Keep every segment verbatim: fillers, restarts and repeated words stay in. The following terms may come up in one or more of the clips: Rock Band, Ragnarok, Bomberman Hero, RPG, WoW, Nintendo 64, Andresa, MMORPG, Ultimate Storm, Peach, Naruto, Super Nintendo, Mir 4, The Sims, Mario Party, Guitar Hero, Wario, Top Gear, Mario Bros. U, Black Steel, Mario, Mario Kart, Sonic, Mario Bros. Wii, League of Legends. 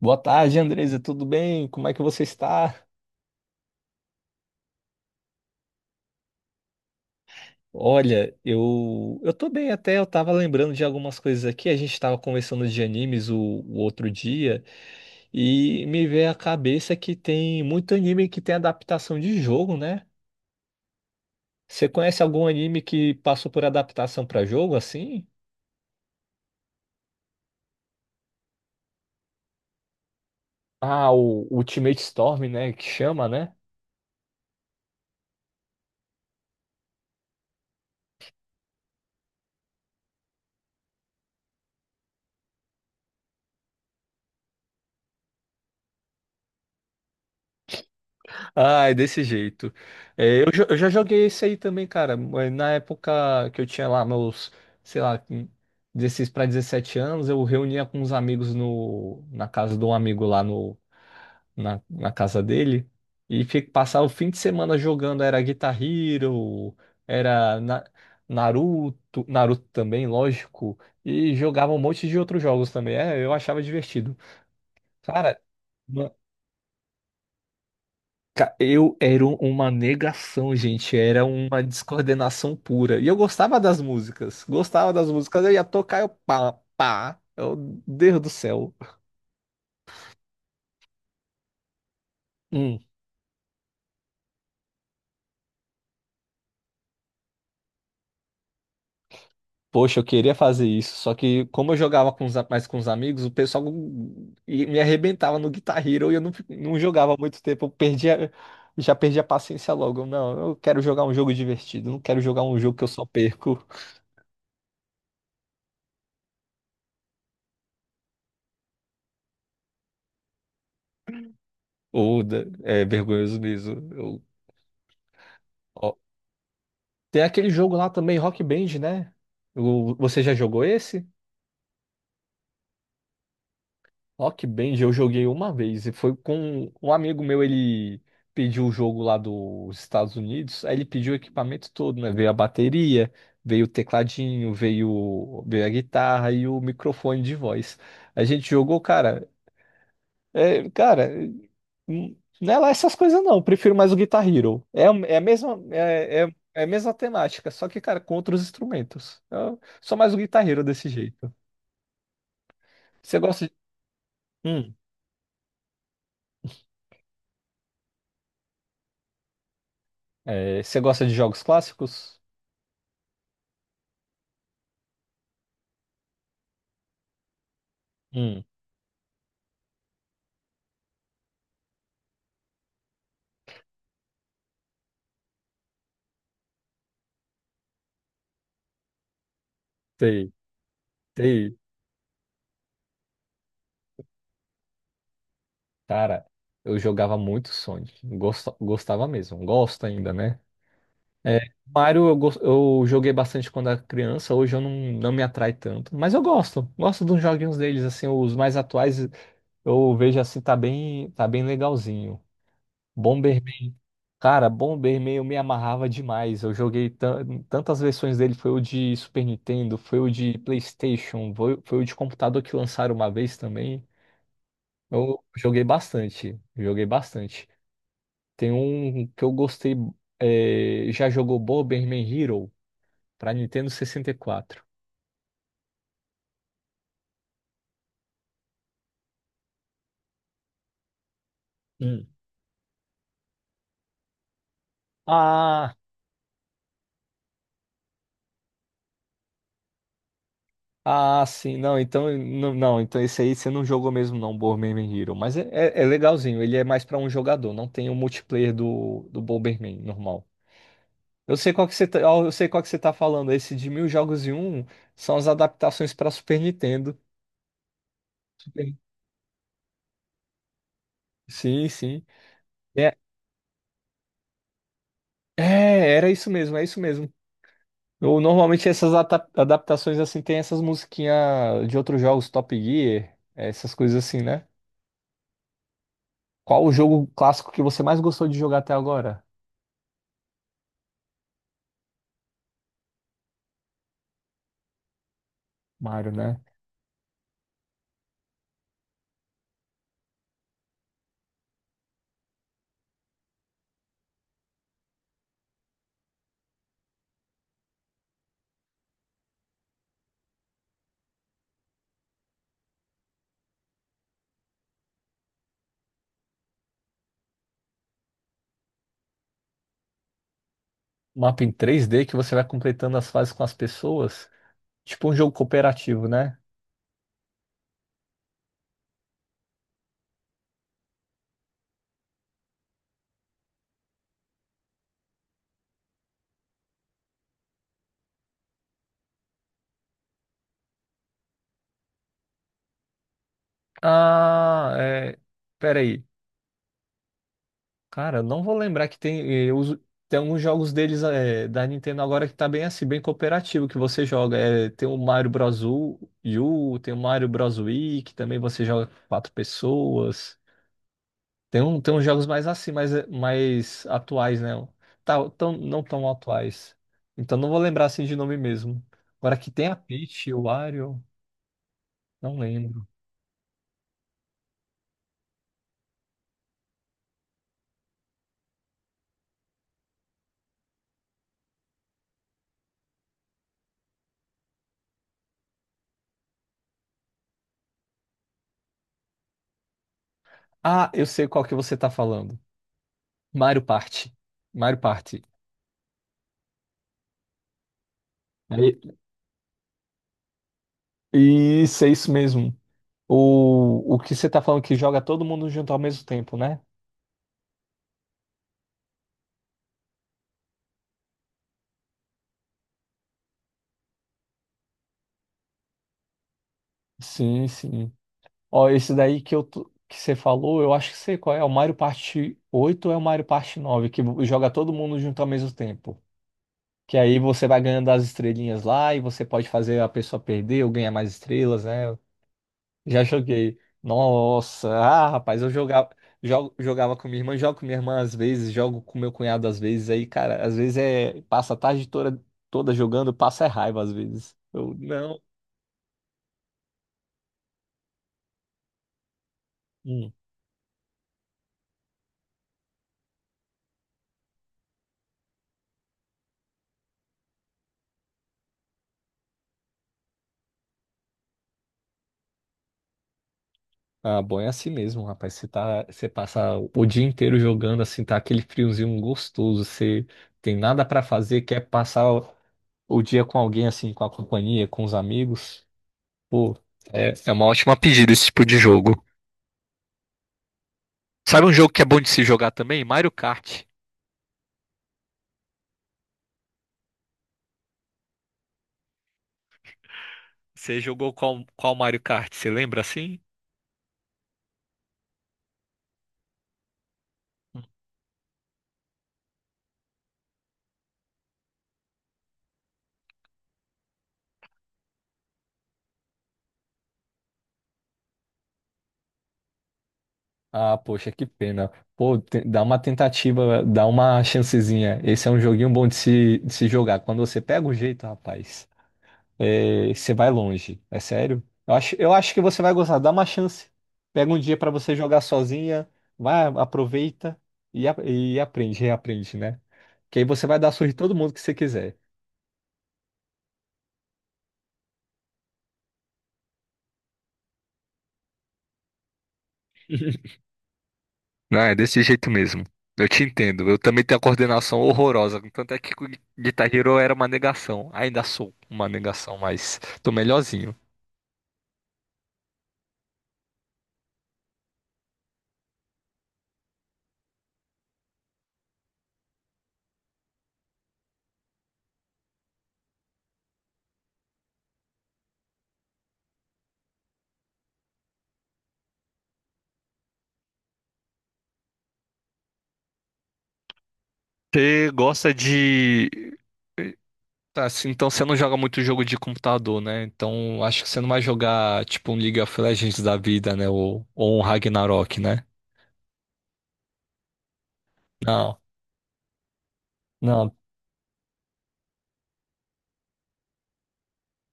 Boa tarde, Andresa, tudo bem? Como é que você está? Olha, eu eu tô bem até, eu tava lembrando de algumas coisas aqui, a gente tava conversando de animes o, o outro dia e me veio à cabeça que tem muito anime que tem adaptação de jogo, né? Você conhece algum anime que passou por adaptação para jogo assim? Ah, o Ultimate Storm, né, que chama, né? Ai, desse jeito. É, eu, jo- eu já joguei esse aí também, cara, mas na época que eu tinha lá meus, sei lá, dezesseis para dezessete anos, eu reunia com uns amigos no, na casa de um amigo lá no, na, na casa dele e fi- passava o fim de semana jogando. Era Guitar Hero, era Na- Naruto, Naruto também, lógico, e jogava um monte de outros jogos também. É, eu achava divertido. Cara. Ca- Eu era um- uma negação, gente. Era uma descoordenação pura. E eu gostava das músicas. Gostava das músicas. Eu ia tocar, eu pá, pá. Eu, Deus do céu. Hum, poxa, eu queria fazer isso. Só que, como eu jogava com os a- mais com os amigos, o pessoal e- me arrebentava no Guitar Hero e eu não, fi- não jogava há muito tempo. Eu perdia, já perdi a paciência logo. Eu, Não, eu quero jogar um jogo divertido. Não quero jogar um jogo que eu só perco. Ou da- é vergonhoso mesmo. Eu. Tem aquele jogo lá também, Rock Band, né? O- Você já jogou esse? Rock Band eu joguei uma vez e foi com um amigo meu, ele pediu o jogo lá dos Estados Unidos, aí ele pediu o equipamento todo, né? Veio a bateria, veio o tecladinho, veio, veio a guitarra e o microfone de voz. A gente jogou, cara. É, cara, n- não é lá essas coisas, não. Eu prefiro mais o Guitar Hero. É, a- é a mesma, é, é, é a mesma temática, só que, cara, com outros instrumentos. Eu sou mais o Guitar Hero desse jeito. Você gosta de. Hum, é, você gosta de jogos clássicos? Hum, sei, sei. Cara, eu jogava muito Sonic. Gosta- gostava mesmo. Gosto ainda, né? É, Mario eu, gos- eu joguei bastante quando era criança, hoje eu não, não me atrai tanto, mas eu gosto, gosto dos joguinhos deles, assim, os mais atuais. Eu vejo assim, tá bem, tá bem legalzinho. Bomberman, cara, Bomberman eu me amarrava demais. Eu joguei tan- tantas versões dele, foi o de Super Nintendo, foi o de PlayStation, foi, foi o de computador que lançaram uma vez também. Eu joguei bastante, joguei bastante. Tem um que eu gostei, é, já jogou Bomberman Hero pra Nintendo sessenta e quatro. Hum. Ah, Ah, sim, não, então, não, não, então esse aí você não jogou mesmo não, Bomberman Hero, mas é, é- é legalzinho, ele é mais pra um jogador, não tem o multiplayer do, do Bomberman normal. Eu sei qual que você tá, ó, eu sei qual que você tá falando, esse de mil jogos e um são as adaptações pra Super Nintendo. Super- Sim, sim. É, é, era isso mesmo, é isso mesmo. Eu- normalmente essas ata- adaptações assim tem essas musiquinhas de outros jogos, Top Gear, essas coisas assim, né? Qual o jogo clássico que você mais gostou de jogar até agora? Mario, né? Mapa em três D que você vai completando as fases com as pessoas. Tipo um jogo cooperativo, né? Ah, é. Peraí. Cara, eu não vou lembrar que tem. eh, Eu uso. Tem alguns jogos deles é, da Nintendo agora que tá bem assim, bem cooperativo, que você joga. É, tem o Mario Bros. U, U, tem o Mario Bros. Wii, que também você joga com quatro pessoas. Tem, um, tem uns jogos mais assim, mais, eh, mais atuais, né? Tá, tão, não tão atuais. Então não vou lembrar assim de nome mesmo. Agora que tem a Peach, o Wario. Não lembro. Ah, eu sei qual que você tá falando. Mario Party. Mario Party. E, isso, é isso mesmo. O, o que você tá falando que joga todo mundo junto ao mesmo tempo, né? Sim, sim. Ó, esse daí que eu tô- que você falou, eu acho que sei qual é. É o Mario Party oito ou é o Mario Party nove que joga todo mundo junto ao mesmo tempo. Que aí você vai ganhando as estrelinhas lá e você pode fazer a pessoa perder ou ganhar mais estrelas, né? Já joguei. Nossa, ah, rapaz, eu jogava, jogo, jogava com minha irmã, jogo com minha irmã às vezes, jogo com meu cunhado às vezes. Aí, cara, às vezes é, passa a tarde toda, toda jogando, passa é raiva às vezes. Eu, não. Hum. Ah, bom, é assim mesmo, rapaz. Você tá, você passa o dia inteiro jogando, assim, tá aquele friozinho gostoso. Você tem nada pra fazer, quer passar o, o dia com alguém, assim, com a companhia, com os amigos. Pô, é, é uma ótima pedida esse tipo de jogo. Sabe um jogo que é bom de se jogar também? Mario Kart. Você jogou qual, qual Mario Kart? Você lembra assim? Ah, poxa, que pena. Pô, te- dá uma tentativa, dá uma chancezinha. Esse é um joguinho bom de se, de se jogar. Quando você pega o jeito, rapaz, é, você vai longe. É sério? Eu acho, eu acho que você vai gostar. Dá uma chance. Pega um dia pra você jogar sozinha, vai, aproveita e, a- e aprende, reaprende, né? Que aí você vai dar surra em todo mundo que você quiser. Não, é desse jeito mesmo. Eu te entendo. Eu também tenho a coordenação horrorosa. Tanto é que com Guitar Hero eu era uma negação. Ainda sou uma negação, mas tô melhorzinho. Você gosta de. Tá, assim, então você não joga muito jogo de computador, né? Então acho que você não vai jogar tipo um League of Legends da vida, né? Ou, ou um Ragnarok, né? Não, não.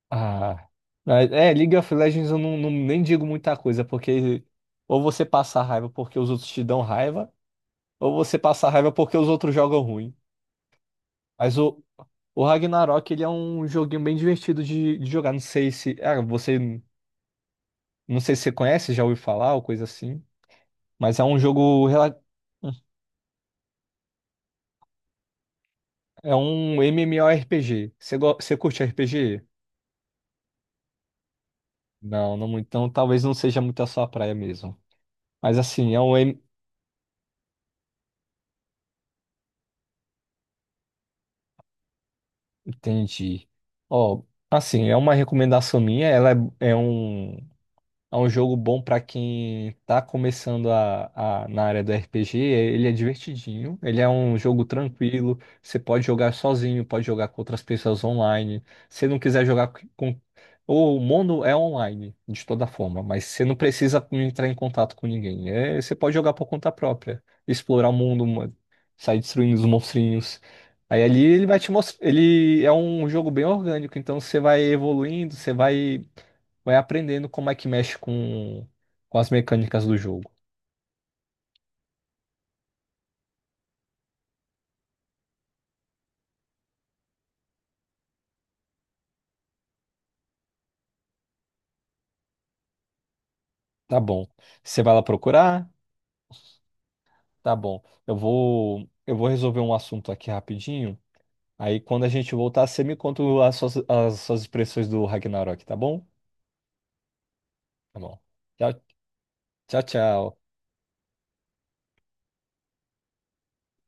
Ah. Mas, é, League of Legends eu não, não- nem digo muita coisa, porque ou você passa raiva porque os outros te dão raiva. Ou você passa raiva porque os outros jogam ruim. Mas o, o Ragnarok, ele é um joguinho bem divertido de, de jogar. Não sei se. Ah, você. Não sei se você conhece, já ouviu falar ou coisa assim. Mas é um jogo. rela- É um MMORPG. Você, go- você curte R P G? Não, não muito. Então talvez não seja muito a sua praia mesmo. Mas assim, é um. M- Entendi. Ó, assim, é uma recomendação minha. Ela é, é um. É um jogo bom pra quem tá começando a, a- na área do R P G. Ele é divertidinho, ele é um jogo tranquilo. Você pode jogar sozinho, pode jogar com outras pessoas online. Se não quiser jogar com. O mundo é online, de toda forma, mas você não precisa entrar em contato com ninguém. É, você pode jogar por conta própria, explorar o mundo, mo- sair destruindo os monstrinhos. Aí ali ele vai te mostrar. Ele é um jogo bem orgânico, então você vai evoluindo, você vai vai aprendendo como é que mexe com, com as mecânicas do jogo. Tá bom. Você vai lá procurar? Tá bom. Eu vou, eu vou resolver um assunto aqui rapidinho. Aí quando a gente voltar, você me conta as suas, as suas expressões do Ragnarok, tá bom? Tá bom. Tchau, tchau, tchau.